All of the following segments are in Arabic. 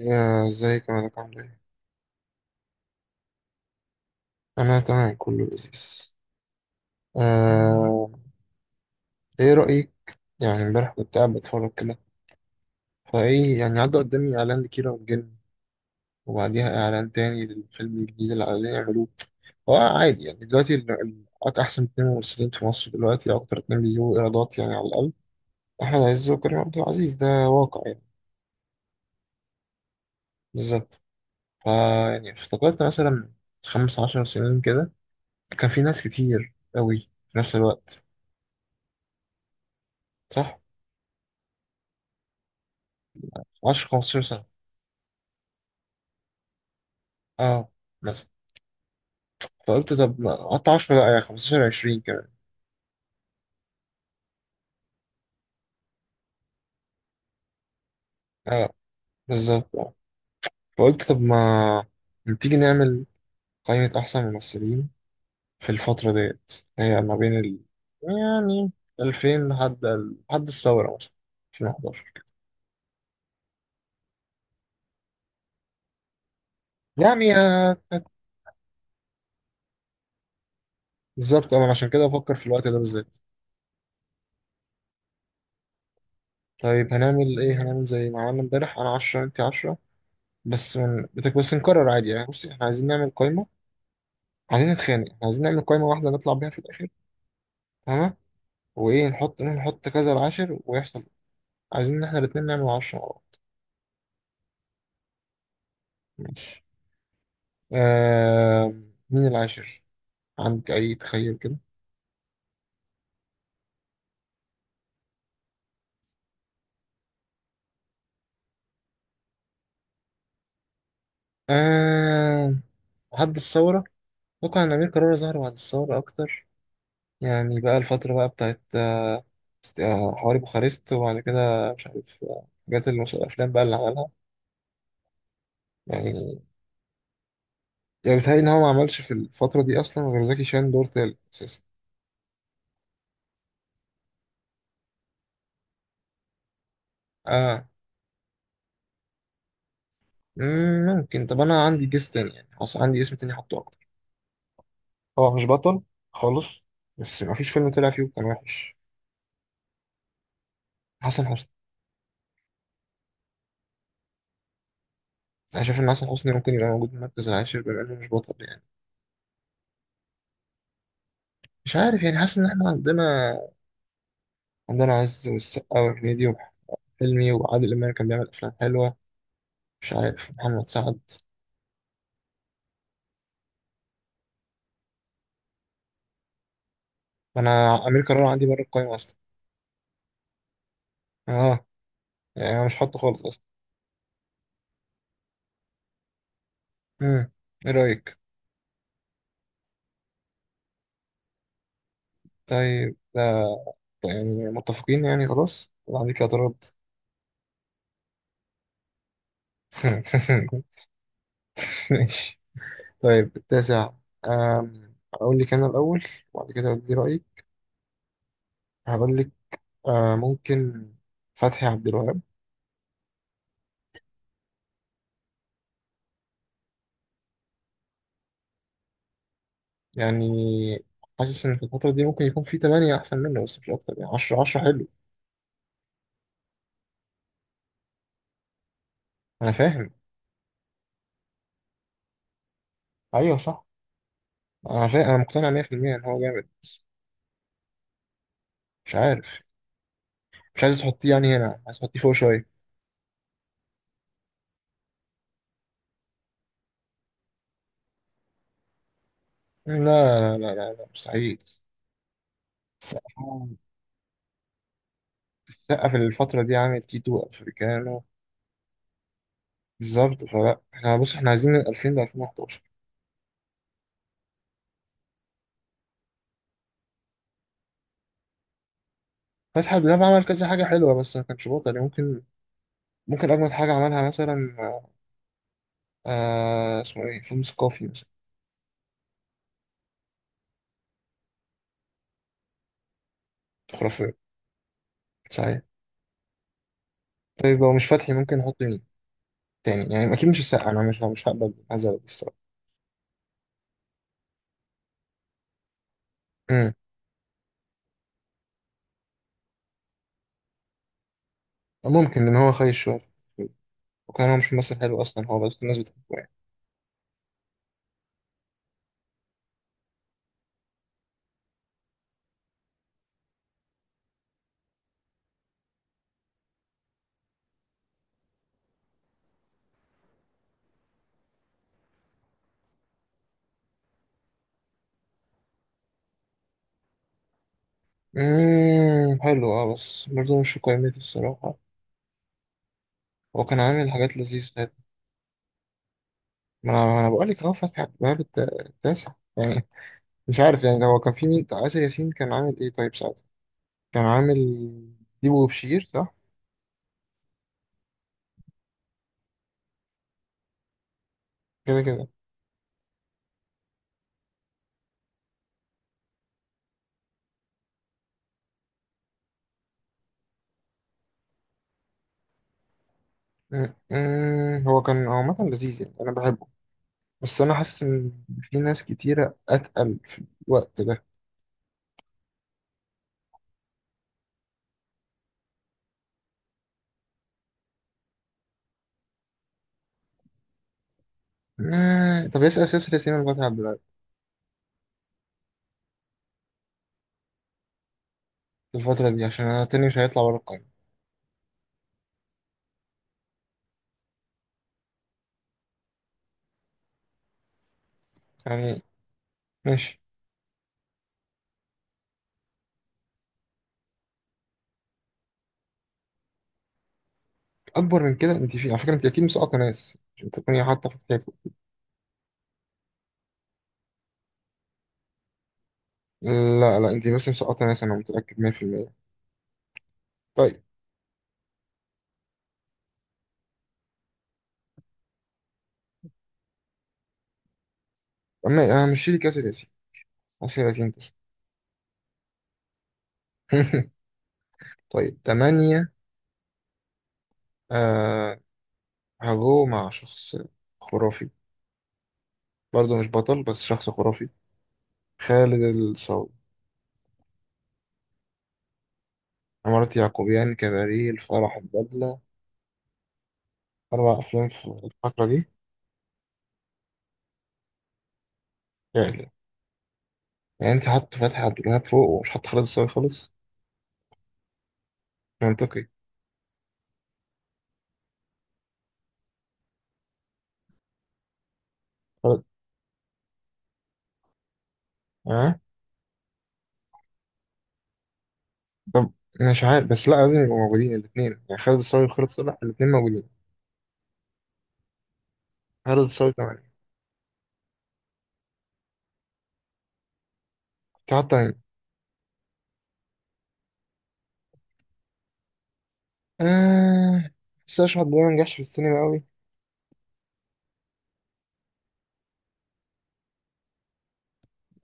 يا ازيك يا مالك عامل ايه؟ انا تمام كله لذيذ. آه... ايه رأيك؟ يعني امبارح كنت قاعد بتفرج كده. فايه يعني عدى قدامي اعلان لكيرة والجن، وبعديها اعلان تاني للفيلم الجديد اللي عايزين يعملوه. هو عادي يعني دلوقتي احسن اتنين ممثلين في مصر دلوقتي، اكتر اتنين بيجيبوا ايرادات يعني على الاقل؟ احمد عز وكريم عبد العزيز، ده واقع يعني. بالظبط. فا يعني افتكرت مثلا خمس عشر سنين كده كان في ناس كتير قوي في نفس الوقت، صح؟ 10 15 سنة. اه مثلا فقلت طب ما قطع 10، لا يعني 15 20 كمان. اه بالظبط اه. فقلت طب ما تيجي نعمل قائمة أحسن ممثلين في الفترة ديت. هي ما بين يعني 2000 لحد الثورة مثلا 2011 كده. يعني بالظبط أنا عشان كده بفكر في الوقت ده بالذات. طيب هنعمل إيه؟ هنعمل زي ما عملنا امبارح، أنا 10 أنت 10. بس بس نكرر عادي يعني، بصي إحنا عايزين نعمل قائمة. عايزين نتخانق، إحنا عايزين نعمل قائمة واحدة نطلع بيها في الآخر. تمام. وايه نحط نحط كذا العاشر ويحصل. عايزين ان احنا الاتنين نعمل عشرة مع بعض. ماشي. آه. مين العاشر؟ عندك اي تخيل كده؟ آه بعد الثورة ممكن أمير كرارة ظهر بعد الثورة أكتر. يعني بقى الفترة بقى بتاعت حواري بوخارست، وبعد كده مش عارف الأفلام بقى اللي عملها يعني. يعني بيتهيألي إن هو ما عملش في الفترة دي أصلا غير زكي شان دور تالت أساسا. آه. ممكن طب أنا عندي جيس تاني يعني حصل عندي اسم تاني أحطه. هو مش بطل خالص، بس مفيش فيلم طلع فيه كان وحش. حسن حسني. انا شايف ان حسن حسني ممكن يبقى موجود في المركز العاشر بما انه مش بطل يعني. مش عارف يعني حاسس ان احنا عندنا، عندنا عز والسقا وهنيدي وأحمد حلمي وعادل امام كان بيعمل افلام حلوه. مش عارف، محمد سعد. انا امير كرارة عندي بره القايمه اصلا. اه، يعني انا مش حاطه خالص اصلا. امم. ايه رايك؟ طيب ده، ده يعني متفقين يعني خلاص ولا عندك اعتراض؟ ماشي. طيب، التاسع. أقول لك أنا الأول، وبعد كده أقول لي رأيي. هقول لك. ممكن فتحي عبد الوهاب. يعني حاسس إن في الفترة دي ممكن يكون في تمانية أحسن منه، بس مش أكتر يعني، عشرة عشرة حلو. أنا فاهم. أيوه صح. أنا فاهم، أنا مقتنع 100% إن هو جامد بس. مش عارف. مش عايز تحطيه يعني هنا، عايز تحطيه فوق شوية. لا لا لا لا، لا مستحيل. السقا، السقا في الفترة دي عامل تيتو أفريكانو. بالظبط، فلا احنا بص احنا عايزين من 2000 ل 2011. فتحي عبد الوهاب عمل كذا حاجة حلوة بس ما كانش بطل يعني، ممكن. ممكن أجمد حاجة عملها مثلا، آه اسمه إيه، فيلم ثقافي مثلا. خرافي. صحيح. طيب لو مش فتحي ممكن نحط مين تاني يعني؟ أكيد مش السقا، أنا مش هقبل هذا الصراحة. أمم. ممكن، لأن هو خايش شوية في الفيلم. وكان هو مش ممثل حلو أصلا هو، بس الناس بتحبه يعني. حلو أه، بس برضه مش في قائمتي الصراحة. هو كان عامل حاجات لذيذة. ما أنا بقول لك أهو فتحي عبد الوهاب التاسع يعني. مش عارف يعني هو كان في مين، آسر ياسين كان عامل إيه طيب ساعتها؟ كان عامل ديبو وبشير صح. كده كده. هو كان عامة لذيذ يعني أنا بحبه، بس أنا حاسس إن في ناس كتيرة أتقل في الوقت ده. طب اسأل سلسلة سيما الفتحي عبد الوهاب في الفترة دي، عشان أنا تاني مش هيطلع بره القايمة يعني. ماشي. أكبر من كده؟ أنت في على فكرة، أنت أكيد مسقطة ناس عشان تكوني حاطة في الحيفو. لا لا، أنت بس مسقطة ناس، أنا متأكد 100%. طيب، أما أنا مش شيلي كاسر ياسين، كاسر ياسين تسعة. طيب، تمانية. آه، هجو مع شخص خرافي. برضه مش بطل بس شخص خرافي. خالد الصاوي. عمارة يعقوبيان، كباريه، الفرح، البدلة، أربع أفلام في الفترة دي. يا إلهي. يعني أنت حاطط فتحي عبد الوهاب فوق ومش حاطط خالد الصاوي خالص؟ منطقي. خالد، أه. طب أنا مش عارف، بس لأ لازم يبقوا موجودين الاتنين يعني خالد الصاوي وخالد صالح الاتنين موجودين. خالد الصاوي تمانية. كنت حاطة مين؟ آه، بس أشرف عبد الوهاب ما نجحش في السينما أوي.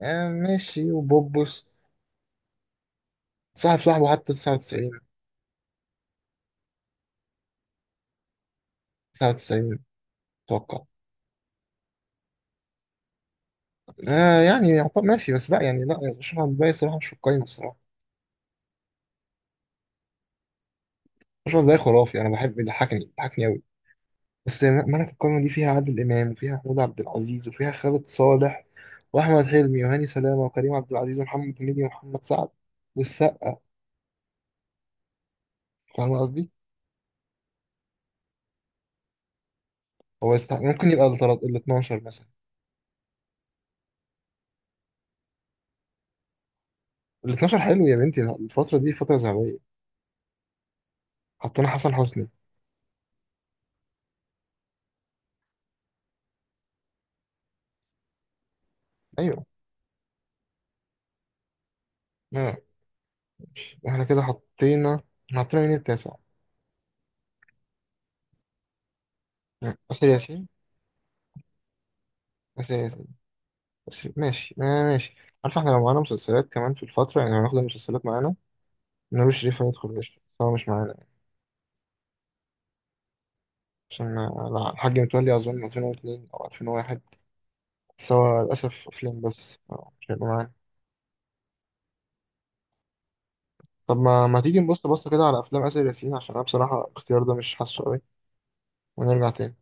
آه ماشي، وبوبوس، صاحب صاحبه حتى 99. 99 أتوقع. آه يعني ماشي، بس لا يعني لا، اشرح الباقي الصراحه مش في القايمه الصراحه. اشرح الباقي خرافي، انا بحب، بيضحكني بيضحكني قوي. بس ما انا في القايمه دي فيها عادل امام وفيها محمود عبد العزيز وفيها خالد صالح واحمد حلمي وهاني سلامه وكريم عبد العزيز ومحمد هنيدي ومحمد سعد والسقا. فاهم قصدي؟ هو يستحق ممكن يبقى ال 12 مثلا. ال 12 حلو يا بنتي، الفتره دي فتره ذهبيه. حطينا حسن حسني. ايوه. آه، ماشي. احنا كده حطينا. إحنا حطينا مين التاسع؟ آسر ياسين. آسر ياسين، بس ماشي آه ماشي. عارف احنا لو معانا مسلسلات كمان في الفترة، يعني هناخد المسلسلات معانا، نور الشريف هيدخل قشطة، بس هو مش معانا يعني. عشان الحاج متولي أظن 2002 أو 2001. بس هو للأسف أفلام بس، مش هيبقى معانا. طب ما تيجي نبص بصة كده على أفلام آسر ياسين، عشان أنا بصراحة الاختيار ده مش حاسه قوي. ونرجع تاني.